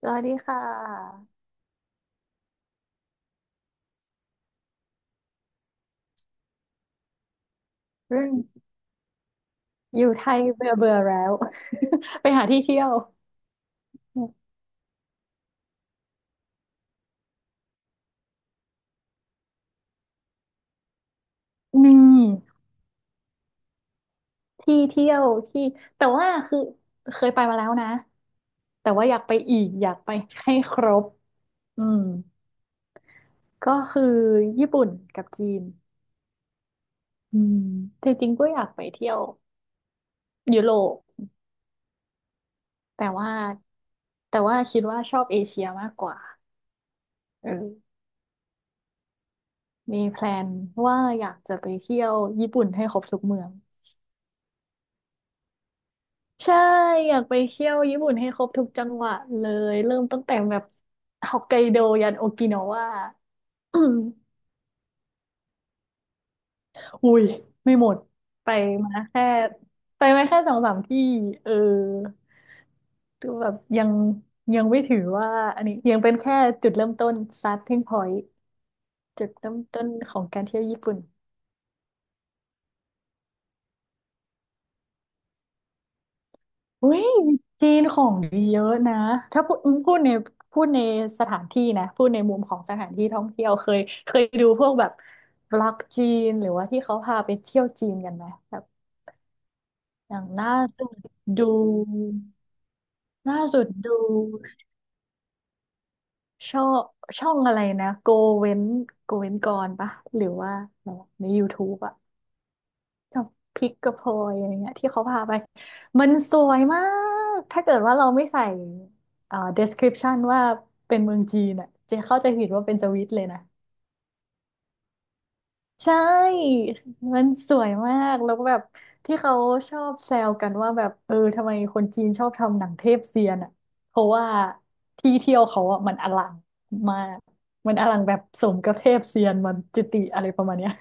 สวัสดีค่ะเรืมองอยู่ไทยเบื่อเบื่อแล้ว ไปหาที่เที่ยวมีที่เที่ยวที่แต่ว่าคือเคยไปมาแล้วนะแต่ว่าอยากไปอีกอยากไปให้ครบอืมก็คือญี่ปุ่นกับจีนอืมแต่จริงก็อยากไปเที่ยวยุโรปแต่ว่าแต่ว่าคิดว่าชอบเอเชียมากกว่าเออมีแพลนว่าอยากจะไปเที่ยวญี่ปุ่นให้ครบทุกเมือง ใช่อยากไปเที่ยวญี่ปุ่นให้ครบทุกจังหวะเลยเริ่มตั้งแต่แบบฮอกไกโดยันโอกินาวาอมอุ้ยไม่หมดไปมาแค่ไปมาแค่สองสามที่เออตัวแบบยังไม่ถือว่าอันนี้ยังเป็นแค่จุดเริ่มต้น starting point จุดเริ่มต้นของการเที่ยวญี่ปุ่น อุ้ยจีนของดีเยอะนะถ้าพูดพูดในพูดในสถานที่นะพูดในมุมของสถานที่ท่องเที่ยวเคยดูพวกแบบบล็อกจีนหรือว่าที่เขาพาไปเที่ยวจีนกันไหมแบบอย่างสุดดูล่าสุดดูช่องช่องอะไรนะเว้นโกเว้นกรปะหรือว่าอะไรวะใน YouTube อะ กับพริกกระเพยอะไรเงี้ยที่เขาพาไปมันสวยมากถ้าเกิดว่าเราไม่ใส่description ว่าเป็นเมืองจีนอ่ะเจะเข้าใจผิดว่าเป็นสวิตเลยนะใช่มันสวยมากแล้วก็แบบที่เขาชอบแซวกันว่าแบบเออทำไมคนจีนชอบทำหนังเทพเซียนอ่ะเพราะว่าที่เที่ยวเขาอ่ะมันอลังมากมันอลังแบบสมกับเทพเซียนมันจุติอะไรประมาณเนี้ย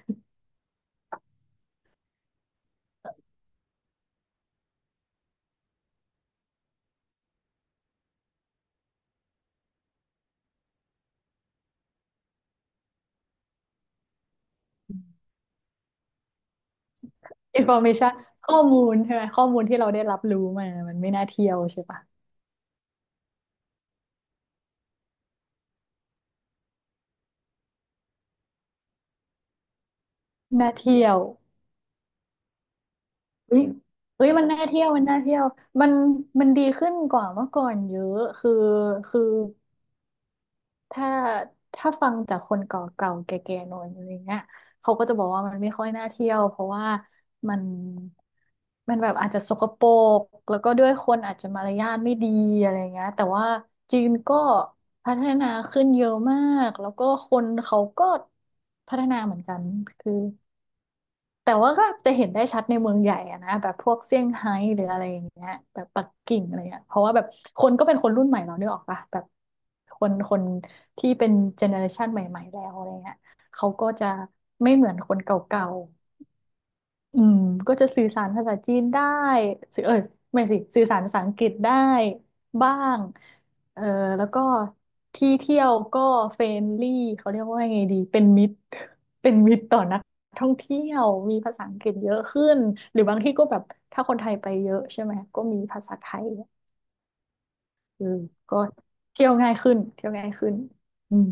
information ข้อมูลใช่ไหมข้อมูลที่เราได้รับรู้มามันไม่น่าเที่ยวใช่ปะน่าเที่ยวเฮ้ยเฮ้ยมันน่าเที่ยวมันมันดีขึ้นกว่าเมื่อก่อนเยอะคือ ถ้าถ้าฟังจากคนเก่าๆแก่ๆหน่อยอะไรเงี้ยเขาก็จะบอกว่ามันไม่ค่อยน่าเที่ยวเพราะว่ามันมันแบบอาจจะสกปรกแล้วก็ด้วยคนอาจจะมารยาทไม่ดีอะไรเงี้ยแต่ว่าจีนก็พัฒนาขึ้นเยอะมากแล้วก็คนเขาก็พัฒนาเหมือนกันคือ แต่ว่าก็จะเห็นได้ชัดในเมืองใหญ่อะนะแบบพวกเซี่ยงไฮ้หรืออะไรอย่างเงี้ยแบบปักกิ่งอะไรเงี้ยเพราะว่าแบบคนก็เป็นคนรุ่นใหม่เราเนื้อออกปะแบบคนที่เป็นเจเนอเรชันใหม่ๆแล้วอะไรเงี้ยเขาก็จะไม่เหมือนคนเก่าๆ อืมก็จะสื่อสารภาษาจีนได้สื่อเอ้ยไม่สิสื่อสารภาษาอังกฤษได้บ้างเออแล้วก็ที่เที่ยวก็เฟรนลี่เขาเรียกว่าไงดีเป็นมิตรเป็นมิตรต่อนักท่องเที่ยวมีภาษาอังกฤษเยอะขึ้นหรือบางที่ก็แบบถ้าคนไทยไปเยอะใช่ไหมก็มีภาษาไทยเออก็เที่ยวง่ายขึ้นเที่ยวง่ายขึ้นอืม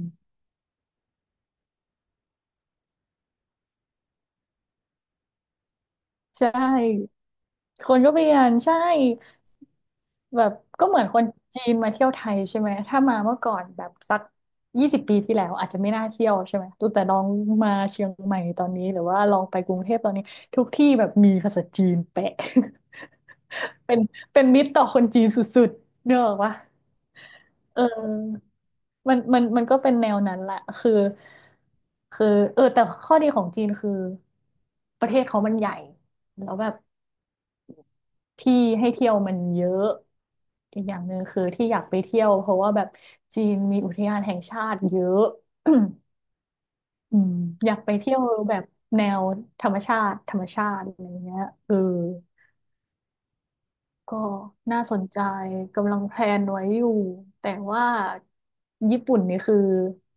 ใช่คนก็เปลี่ยนใช่ แบบก็เหมือนคนจีนมาเที่ยวไทยใช่ไหมถ้ามาเมื่อก่อนแบบสัก20 ปีที่แล้วอาจจะไม่น่าเที่ยวใช่ไหมแต่ลองมาเชียงใหม่ตอนนี้หรือว่าลองไปกรุงเทพตอนนี้ทุกที่แบบมีภาษาจีนแปะ เป็นเป็นมิตรต่อคนจีนสุดๆเนกอะวะเออมันก็เป็นแนวนั้นแหละคือเออแต่ข้อดีของจีนคือประเทศเขามันใหญ่แล้วแบบ ที่ให้เที่ยวมันเยอะอีกอย่างหนึ่งคือที่อยากไปเที่ยวเพราะว่าแบบจีนมีอุทยานแห่งชาติเยอะ อืมอยากไปเที่ยวแบบแนวธรรมชาติธรรมชาติอะไรเงี้ยเออก็น่าสนใจกำลังแพลนไว้อยู่แต่ว่าญี่ปุ่นนี่คือ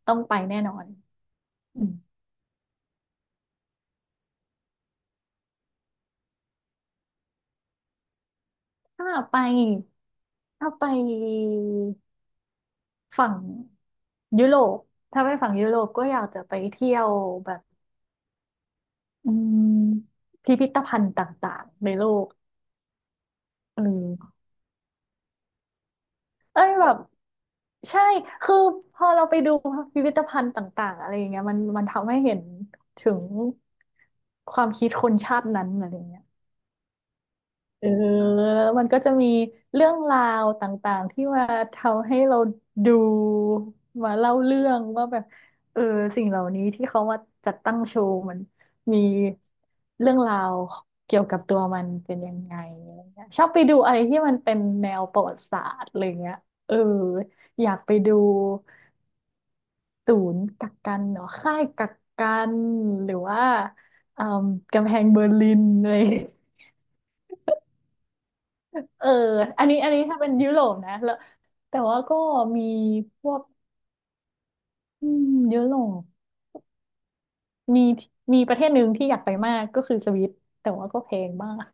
ต้องไปแน่นอนอืมถ้าไปถ้าไปฝั่งยุโรปถ้าไปฝั่งยุโรปก็อยากจะไปเที่ยวแบบ อืมพิพิธภัณฑ์ต่างๆในโลกอืมเอ้ยแบบใช่คือพอเราไปดูพิพิธภัณฑ์ต่างๆอะไรอย่างเงี้ยมันทำให้เห็นถึงความคิดคนชาตินั้นอะไรอย่างเงี้ย เออแล้วมันก็จะมีเรื่องราวต่างๆที่มาทำให้เราดูมาเล่าเรื่องว่าแบบเออสิ่งเหล่านี้ที่เขามาจัดตั้งโชว์มันมีเรื่องราวเกี่ยวกับตัวมันเป็นยังไงอะไรเงี้ยชอบไปดูอะไรที่มันเป็นแนวประวัติศาสตร์อะไรเงี้ยเอออยากไปดูศูนย์กักกันเนาะค่ายกักกันหรือว่าเอ่อกำแพงเบอร์ลินอะไร เอออันนี้ถ้าเป็นยุโรปนะแล้วแต่ว่าก็มีพวกอืมยุโรปมีมีประเทศหนึ่งที่อยากไปมากก็คือสวิตแต่ว่าก็แพงมาก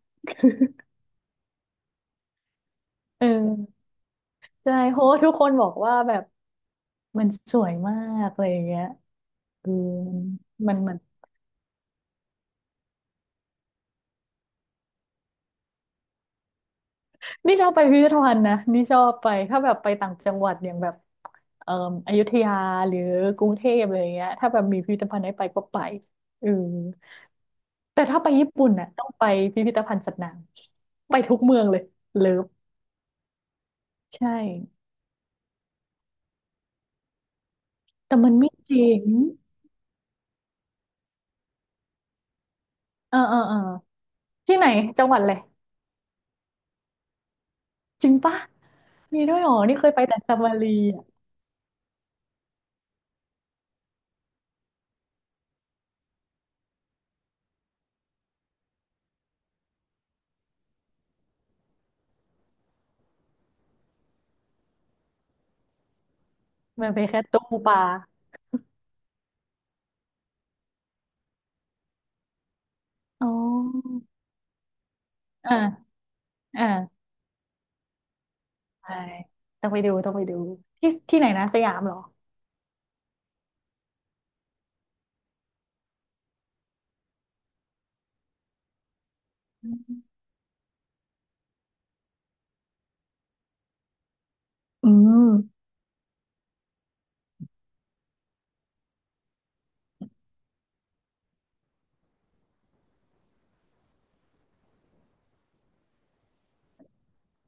เออใช่เพราะว่าทุกคนบอกว่าแบบมันสวยมากอะไรอย่างเงี้ยเออมันนนี่ชอบไปพิพิธภัณฑ์นะนี่ชอบไปถ้าแบบไปต่างจังหวัดอย่างแบบเอ่ออยุธยาหรือกรุงเทพอะไรอย่างเงี้ยถ้าแบบมีพิพิธภัณฑ์ให้ไปก็ไปเออ แต่ถ้าไปญี่ปุ่นน่ะต้องไปพิพิธภัณฑ์สัตว์น้ำไปทุกเมืองเลยเลิฟใช่แต่มันไม่จริงเออเออเออที่ไหนจังหวัดเลยจริงปะมีด้วยเหรอนี่เคยไปแต่จัมบุรีอ่ะมันไปแค่ตู้ปลาอ๋ออ่าอ่าใช่ต้องไปดูต้องไปดูที่ที่ไหนนะสยามเหรออืมอืม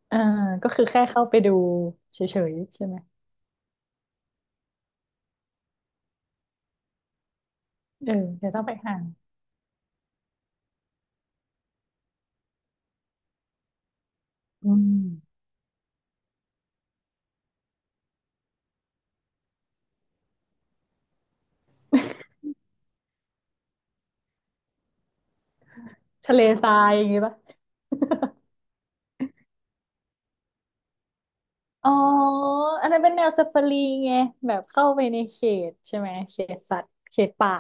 เออก็คือแค่เข้าไปดูเฉยๆใช่ไหมเออเดี๋ยวต้องไปหาอืมทะเลทรายอย่างงี้ปะ อ๋ออันนั้นเป็นแนวสปารีไงแบบเข้าไปในเขตใช่ไหมเขตสัตว์เขตป่า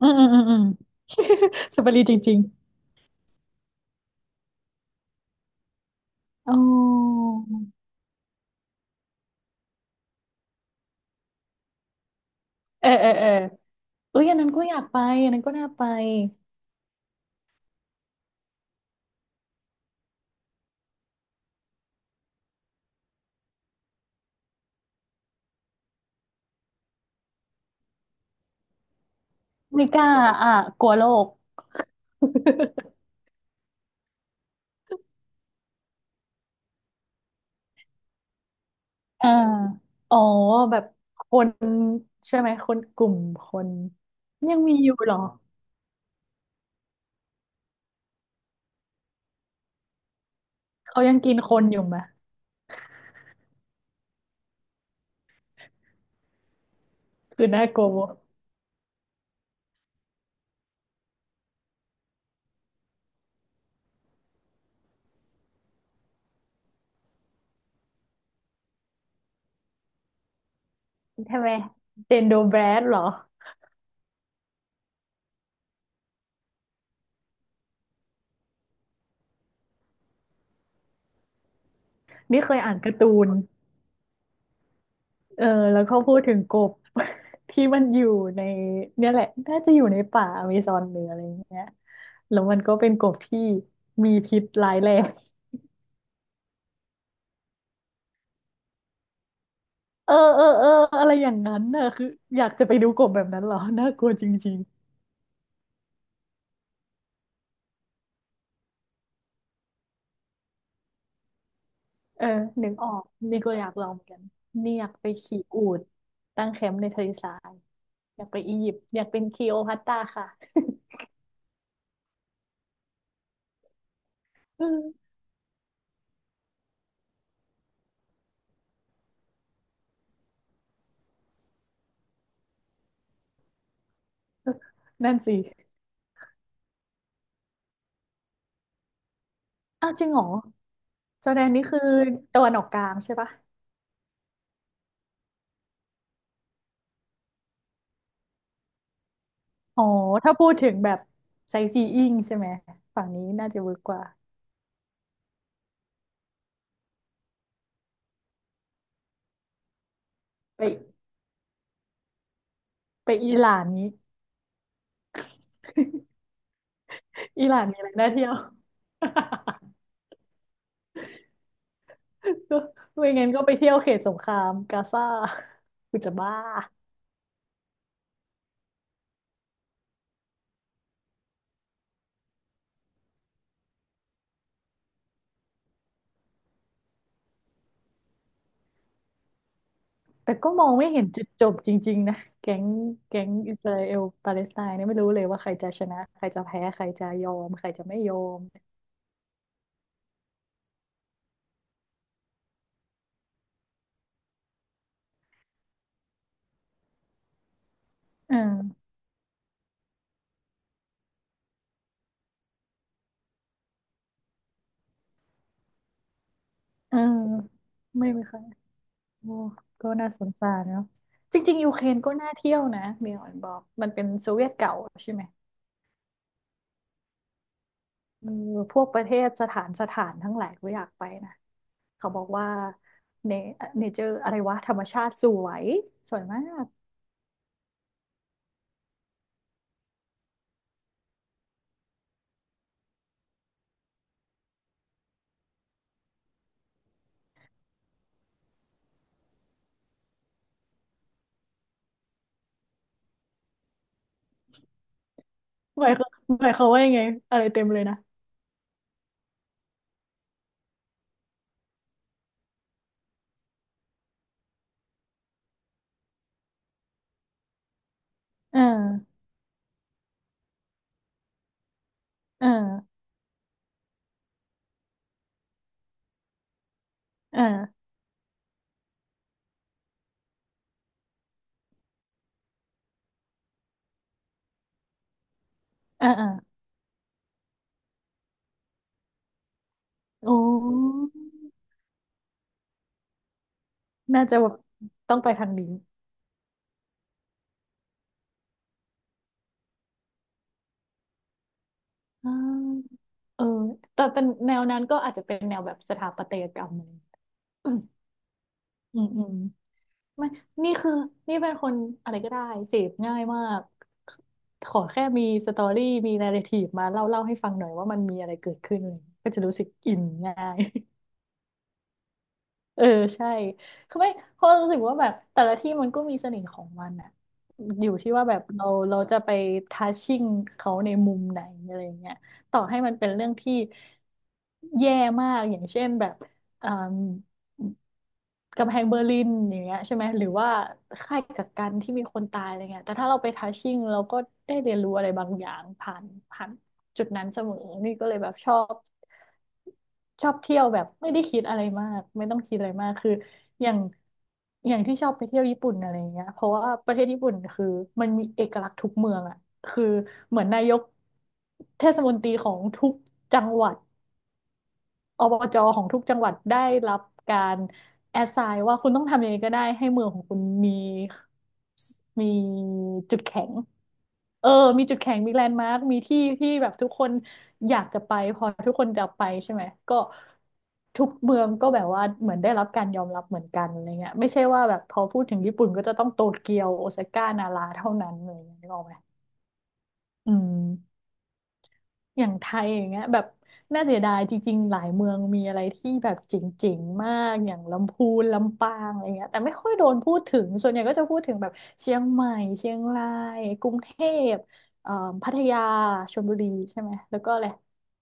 อืมอืมอืมอืม สปารีจริงๆอ๋อเออเออเออเอ้ยอันนั้นก็อยากไปอันนั้นก็น่าไปไม่กล้าอ่ะกลัวโลก อ่า อ๋อแบบคนใช่ไหมคนกลุ่มคนยังมีอยู่เหรอเขายังกินคนอยู่ไหมคือน่ากลัวใช่ไหมเดนโดแบรดเหรอนี่เคยอ่านการ์ตูน เออแล้วเขาพูดถึงกบ ที่มันอยู่ในเนี่ยแหละน่าจะอยู่ในป่าอเมซอนหรืออะไรอย่างเงี้ยแล้วมันก็เป็นกบที่มีพิษร้ายแรง เออเออเอออะไรอย่างนั้นน่ะคืออยากจะไปดูกบแบบนั้นเหรอน่ากลัวจริงๆเออนึกออกนี่ก็อยากลองเหมือนกันนี่อยากไปขี่อูฐตั้งแคมป์ในทะเลทรายอยากไปอียิปต์อยากเป็นคลีโอพัตราค่ะอืมนั่นสิอ้าวจริงเหรอจอร์แดนนี่คือตะวันออกกลางใช่ปะ อ๋อ ถ้าพูดถึงแบบไซซีอิ้งใช่ไหม ฝั่งนี้น่าจะเวิร์กกว่าไปไปอิหร่านนี้ อิหร่านมีอะไรน่าเที่ยว ก็ไม่งั้นก็ไปเที่ยวเขตสงครามกาซา กูจะบ้าแต่ก็มองไม่เห็นจุดจบจริงๆนะแก๊งแก๊งอิสราเอลปาเลสไตน์เนี่ยไม่รู้เลยว่าใครจะชนะใครจะแพ้ใครจะยอมใครจะไม่ยอมเออเออไม่ไหมคะ โอ้ก็น่าสงสารเนาะจริงๆยูเครนก็น่าเที่ยวนะมีออนบอกมันเป็นโซเวียตเก่าใช่ไหมเออพวกประเทศสถานสถานทั้งหลายก็อยากไปนะเขาบอกว่าเนเจอร์อะไรวะธรรมชาติสวยสวยมากหมายเขาหมายเขามว่ายังไงอะไรเต็มเลยนะเออเออเออเออเออโอ้น่าจะแบบต้องไปทางนี้อ่าเออแต่เป็นแนวนั้นก็อาจจะเป็นแนวแบบสถาปัตยกรรมอะไรอย่างเงี้ยอืมอืมอืม ไม่นี่คือ นี่เป็นคนอะไรก็ได้ เสพง่ายมาก ขอแค่มีสตอรี่มีนาร์ทีฟมาเล่าให้ฟังหน่อยว่ามันมีอะไรเกิดขึ้นอะไรอย่างเงี้ยก็จะรู้สึกอินง่าย เออใช่คือไม่เพราะรู้สึกว่าแบบแต่ละที่มันก็มีเสน่ห์ของมันอะอยู่ที่ว่าแบบเราจะไปทัชชิ่งเขาในมุมไหนอะไรอย่างเงี้ยต่อให้มันเป็นเรื่องที่แย่มากอย่างเช่นแบบอ่า กำแพงเบอร์ลินอย่างเงี้ยใช่ไหมหรือว่าค่ายกักกันที่มีคนตายอะไรเงี้ยแต่ถ้าเราไปทัชชิ่งเราก็ได้เรียนรู้อะไรบางอย่างผ่านจุดนั้นเสมอนี่ก็เลยแบบชอบเที่ยวแบบไม่ได้คิดอะไรมากไม่ต้องคิดอะไรมากคืออย่างอย่างที่ชอบไปเที่ยวญี่ปุ่นอะไรเงี้ยเพราะว่าประเทศญี่ปุ่นคือมันมีเอกลักษณ์ทุกเมืองอ่ะคือเหมือนนายกเทศมนตรีของทุกจังหวัด อบจของทุกจังหวัดได้รับการแอสไซน์ว่าคุณต้องทำยังไงก็ได้ให้เมืองของคุณมีจุดแข็งเออมีจุดแข็งมีแลนด์มาร์คมีที่ที่แบบทุกคนอยากจะไปพอทุกคนจะไปใช่ไหมก็ทุกเมืองก็แบบว่าเหมือนได้รับการยอมรับเหมือนกันอะไรเงี้ยไม่ใช่ว่าแบบพอพูดถึงญี่ปุ่นก็จะต้องโตเกียวโอซาก้านาราเท่านั้นอะไรเลยนึกออกไหมอืม อย่างไทยอย่างเงี้ยแบบน่าเสียดายจริงๆหลายเมืองมีอะไรที่แบบเจ๋งๆมากอย่างลำพูนลำปางอะไรเงี้ยแต่ไม่ค่อยโดนพูดถึงส่วนใหญ่ก็จะพูดถึงแบบเชียงใหม่เชียงรายกรุงเทพเอ่อพัทยาชลบุรีใช่ไหมแล้วก็อะไร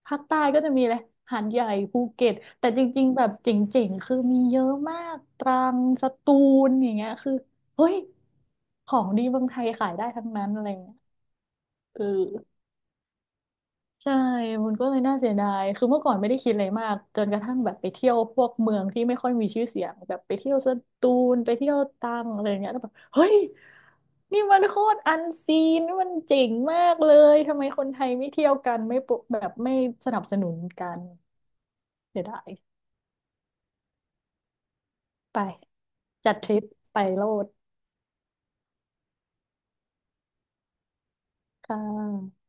ภาคใต้ก็จะมีอะไรหาดใหญ่ภูเก็ตแต่จริงๆแบบเจ๋งๆคือมีเยอะมากตรังสตูลอย่างเงี้ยคือเฮ้ยของดีเมืองไทยขายได้ทั้งนั้นอะไรเงี้ยเออ ใช่ มันก็เลยน่าเสียดาย คือเมื่อก่อนไม่ได้คิดอะไรมาก จนกระทั่งแบบไปเที่ยวพวกเมืองที่ไม่ค่อยมีชื่อเสียงแบบไปเที่ยวสตูลไปเที่ยวตรังอะไรอย่างเงี้ยแล้วแบบเฮ้ยนี่มันโคตรอันซีนมันเจ๋งมากเลย ทำไมคนไทยไม่เที่ยวกันไม่ปลุกแบบไม่สนับสนุนกันเสียดายไปจัดทริปไปโลดค่ะ